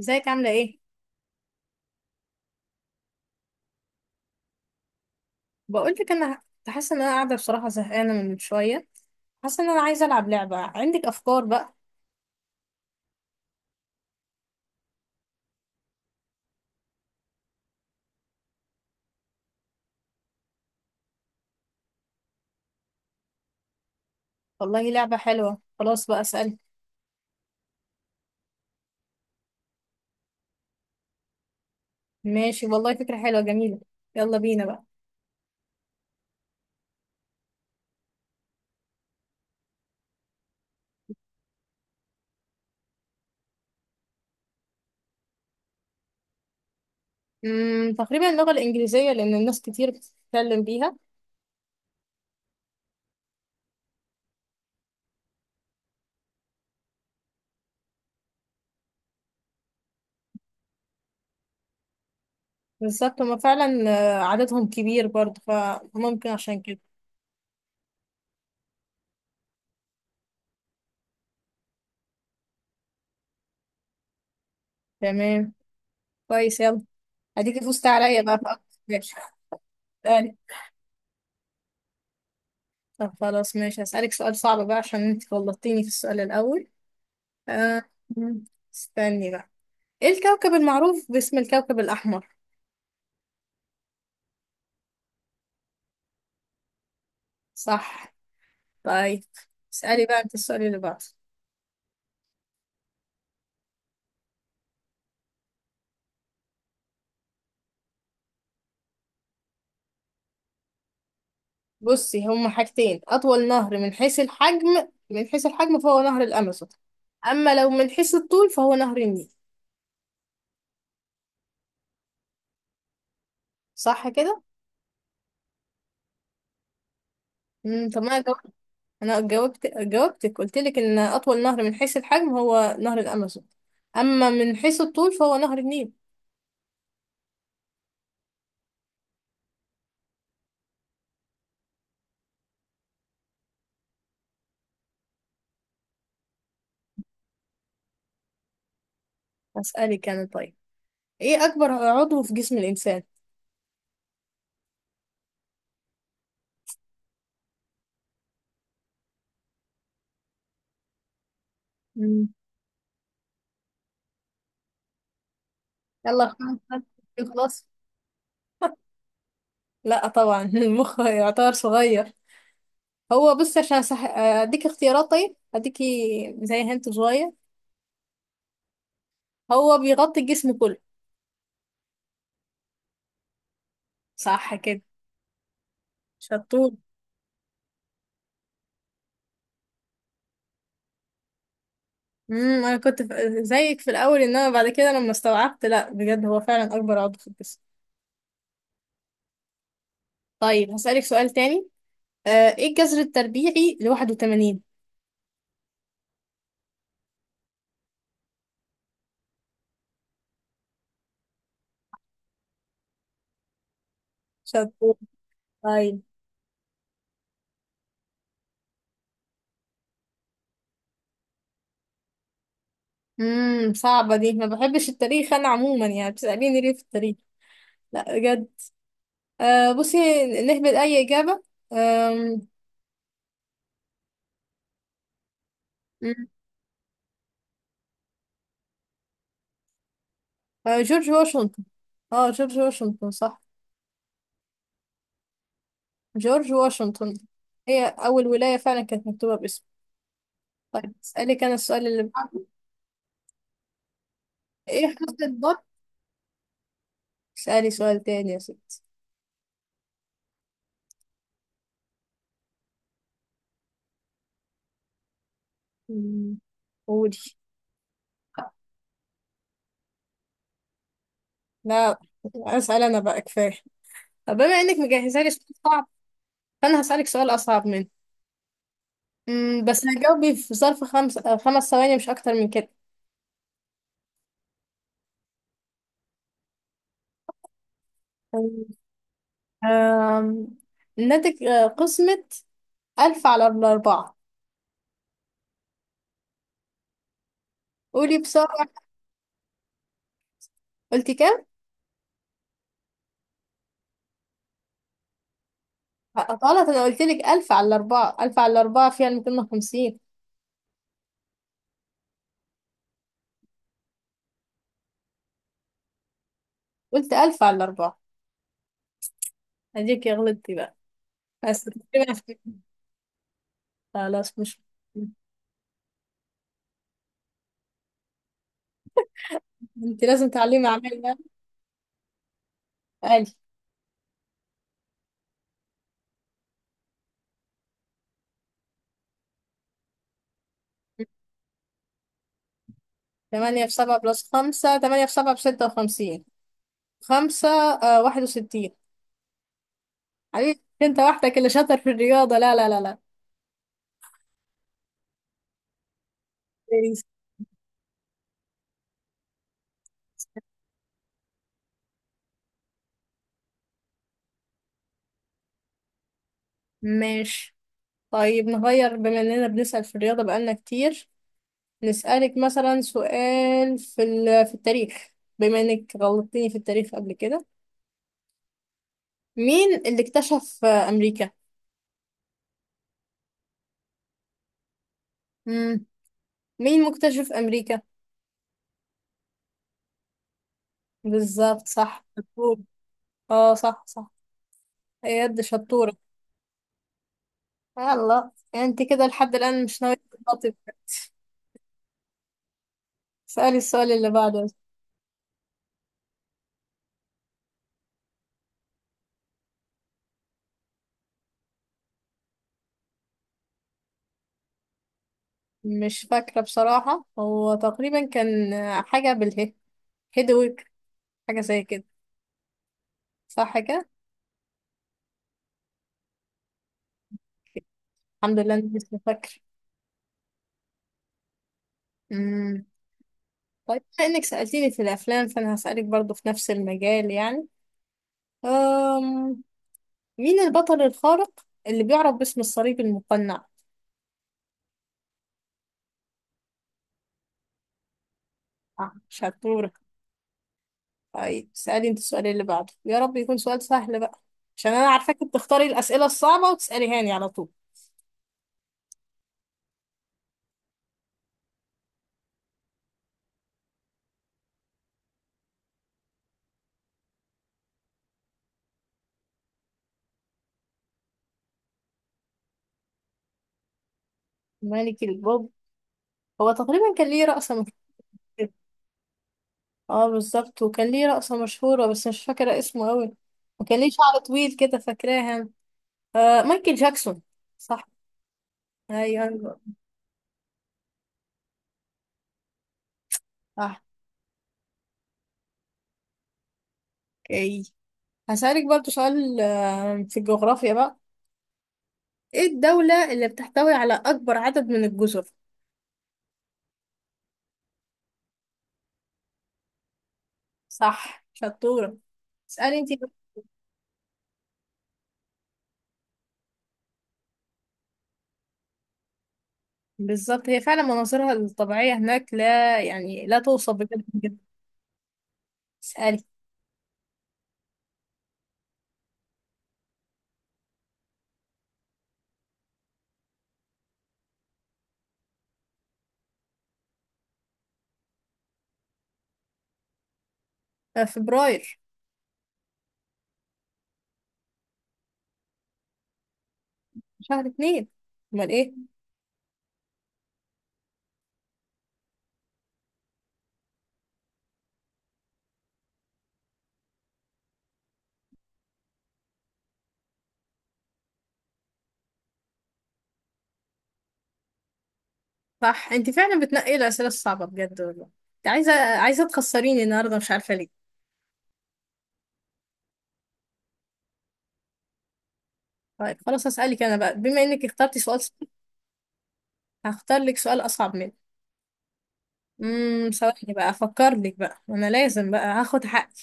ازيك عاملة ايه؟ بقولك، انا كنت حاسة ان انا قاعدة بصراحة زهقانة من شوية. حاسة ان انا عايزة العب لعبة. عندك افكار بقى؟ والله لعبة حلوة، خلاص بقى اسأل. ماشي، والله فكرة حلوة جميلة. يلا بينا بقى. تقريبا اللغة الانجليزية، لان الناس كتير بتتكلم بيها. بالظبط هما فعلا. عددهم كبير برضه، فممكن عشان كده. تمام، كويس، يلا. اديك فزت عليا بقى في اكتر. ماشي. اسألي. طب خلاص ماشي، هسألك سؤال صعب بقى عشان انت غلطتيني في السؤال الاول. آه، استني بقى. ايه الكوكب المعروف باسم الكوكب الأحمر؟ صح. طيب اسألي بقى انت السؤال اللي بعده. بصي، هما حاجتين: أطول نهر من حيث الحجم، من حيث الحجم فهو نهر الأمازون. أما لو من حيث الطول فهو نهر النيل. صح كده؟ طب ما أنا جاوبتك، قلت لك إن أطول نهر من حيث الحجم هو نهر الأمازون، أما من حيث الطول فهو نهر النيل. أسألك أنا طيب. إيه أكبر عضو في جسم الإنسان؟ يلا، الخمس دقايق يخلص. لا طبعا المخ يعتبر صغير. هو بص عشان اديك اختيارات. طيب اديكي زي هنت صغير. هو بيغطي الجسم كله. صح كده، شطور. انا كنت زيك في الاول، انما بعد كده لما استوعبت، لا بجد هو فعلا اكبر عضو في الجسم. طيب هسألك سؤال تاني. آه، ايه الجذر التربيعي ل 81؟ شطور. طيب. صعبة دي، ما بحبش التاريخ انا عموما. يعني بتسأليني ليه في التاريخ؟ لا بجد. آه بصي، نهبط أي إجابة. آم، مم. آه، جورج واشنطن. اه جورج واشنطن، صح. جورج واشنطن هي أول ولاية فعلا كانت مكتوبة باسمه. طيب اسألك أنا السؤال اللي بعده. إيه حرف الضاد؟ اسألي سؤال تاني يا ستي. مم، قولي. لا أسأل أنا بقى، كفاية. طب بما إنك مجهزة لي سؤال صعب، فأنا هسألك سؤال أصعب منه. بس هتجاوبي في ظرف خمس ثواني مش أكتر من كده. آم، إنها تك- آه، قسمة 1000 على 4. قولي بسرعة. قلت كام؟ غلط. أنا قلت لك ألف على الأربعة، ألف على الأربعة فيها 250. قلت ألف على الأربعة. أديك يا غلطتي بقى. بس خلاص مش. أنت لازم تعلمي عليا بقى. ألف. تمانية في سبعة بلس خمسة. تمانية في سبعة ب 56. خمسة، 61. عليك أنت وحدك اللي شاطر في الرياضة، لا لا لا لا. ماشي. طيب نغير، بما إننا بنسأل في الرياضة بقالنا كتير، نسألك مثلا سؤال في التاريخ. بما انك غلطتني في التاريخ قبل كده، مين اللي اكتشف امريكا؟ مم. مين مكتشف امريكا؟ بالظبط صح، شطور. اه صح صح، يد شطورة. يلا انت كده لحد الآن مش ناوية تغلطي. سألي السؤال اللي بعده. مش فاكرة بصراحة. هو تقريبا كان حاجة بالهي، هيدويك، حاجة زي كده، صح كده؟ الحمد لله اني لسه فاكرة. طيب بما انك سألتيني في الافلام، فانا هسألك برضو في نفس المجال يعني. أم... مين البطل الخارق اللي بيعرف باسم الصليب المقنع؟ آه شطورة. طيب سألي انت السؤال اللي بعده، يا رب يكون سؤال سهل بقى، عشان انا عارفاك بتختاري الأسئلة الصعبة وتسأليهاني على طول. ملك البوب. هو تقريبا كان ليه رقصة مشهورة. اه بالظبط، وكان ليه رقصة مشهورة بس مش فاكرة اسمه قوي. وكان ليه شعر طويل كده، فاكراها. آه، مايكل جاكسون. صح. ايوه صح. اوكي، هسألك برضو سؤال في الجغرافيا بقى. ايه الدولة اللي بتحتوي على أكبر عدد من الجزر؟ صح، شطورة. اسألي انتي بقى. بالظبط هي فعلا مناظرها الطبيعية هناك لا يعني لا توصف، بجد بجد. اسألي. آه، فبراير. شهر 2. امال ايه؟ صح، انتي فعلا بتنقي الأسئلة الصعبة بجد والله. انت عايزة تخسريني النهاردة، مش عارفة ليه. طيب خلاص هسألك أنا بقى، بما إنك اخترتي سؤال صعب، هختار لك سؤال أصعب منه. ثواني بقى أفكر لك بقى. أنا لازم بقى هاخد حقي.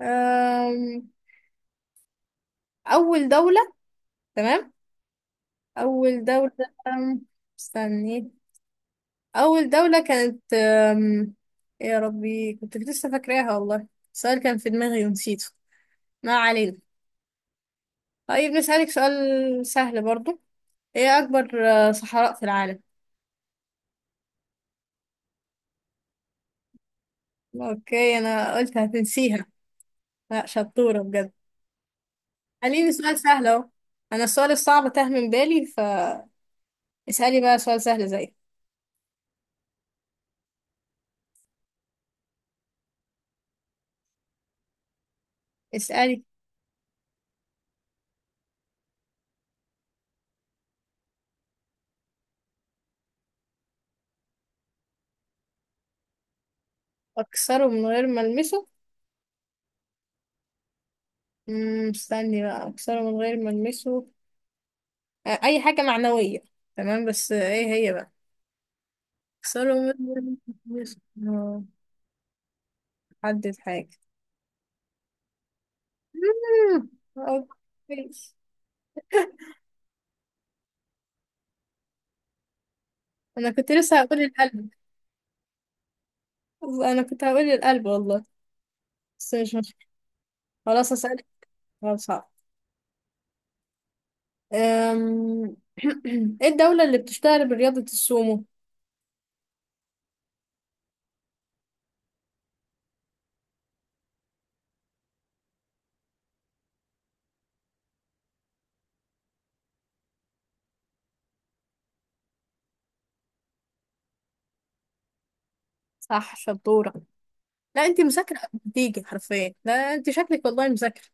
أم، أول دولة. تمام. أول دولة. أم، استني. أول دولة كانت، يا ربي كنت لسه فاكراها والله. السؤال كان في دماغي ونسيته. ما علينا. طيب نسألك سؤال سهل برضو. إيه أكبر صحراء في العالم؟ أوكي أنا قلت هتنسيها. لا شطورة بجد. خليني سؤال سهل أهو. أنا السؤال الصعب تاه من بالي، فاسألي بقى سؤال سهل زي. اسألي. أكسره من غير ما ألمسه؟ استني بقى. اكسره من غير ما المسه. آه، اي حاجه معنويه. تمام، بس ايه هي بقى؟ اكسره من غير ما المسه. آه، حدد حاجه. مم، آه، كويس. انا كنت لسه هقول القلب. انا كنت هقول القلب والله، بس مش خلاص. اسالك سؤال صعب. أم، ايه الدوله اللي بتشتهر برياضه السومو؟ صح، شطوره. لا انت مذاكره، بتيجي حرفيا، لا انت شكلك والله مذاكره،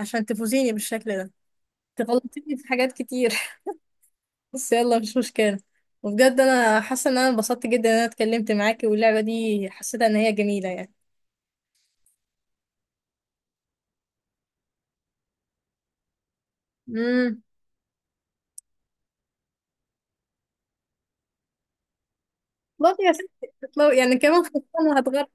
عشان تفوزيني بالشكل ده، تغلطيني في حاجات كتير. بس يلا مش مشكلة. وبجد انا حاسة ان انا انبسطت جدا ان انا اتكلمت معاكي، واللعبة دي حسيتها ان هي جميلة يعني. امم طب يا ستي اطلعي. يعني كمان خلصانة هتغرب.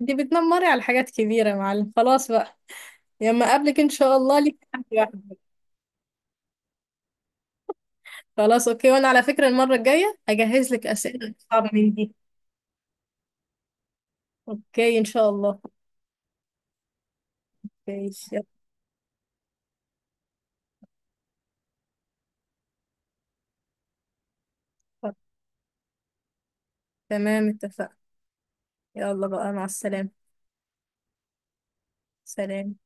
دي بتنمري على حاجات كبيرة يا معلم، خلاص بقى، لما اقابلك ان شاء الله ليك تحدي واحد. خلاص اوكي، وانا على فكرة المرة الجاية هجهز لك اسئلة صعبة من دي. اوكي ان شاء الله. اوكي يلا. تمام اتفقنا. يلا بقى، مع السلامة. سلام.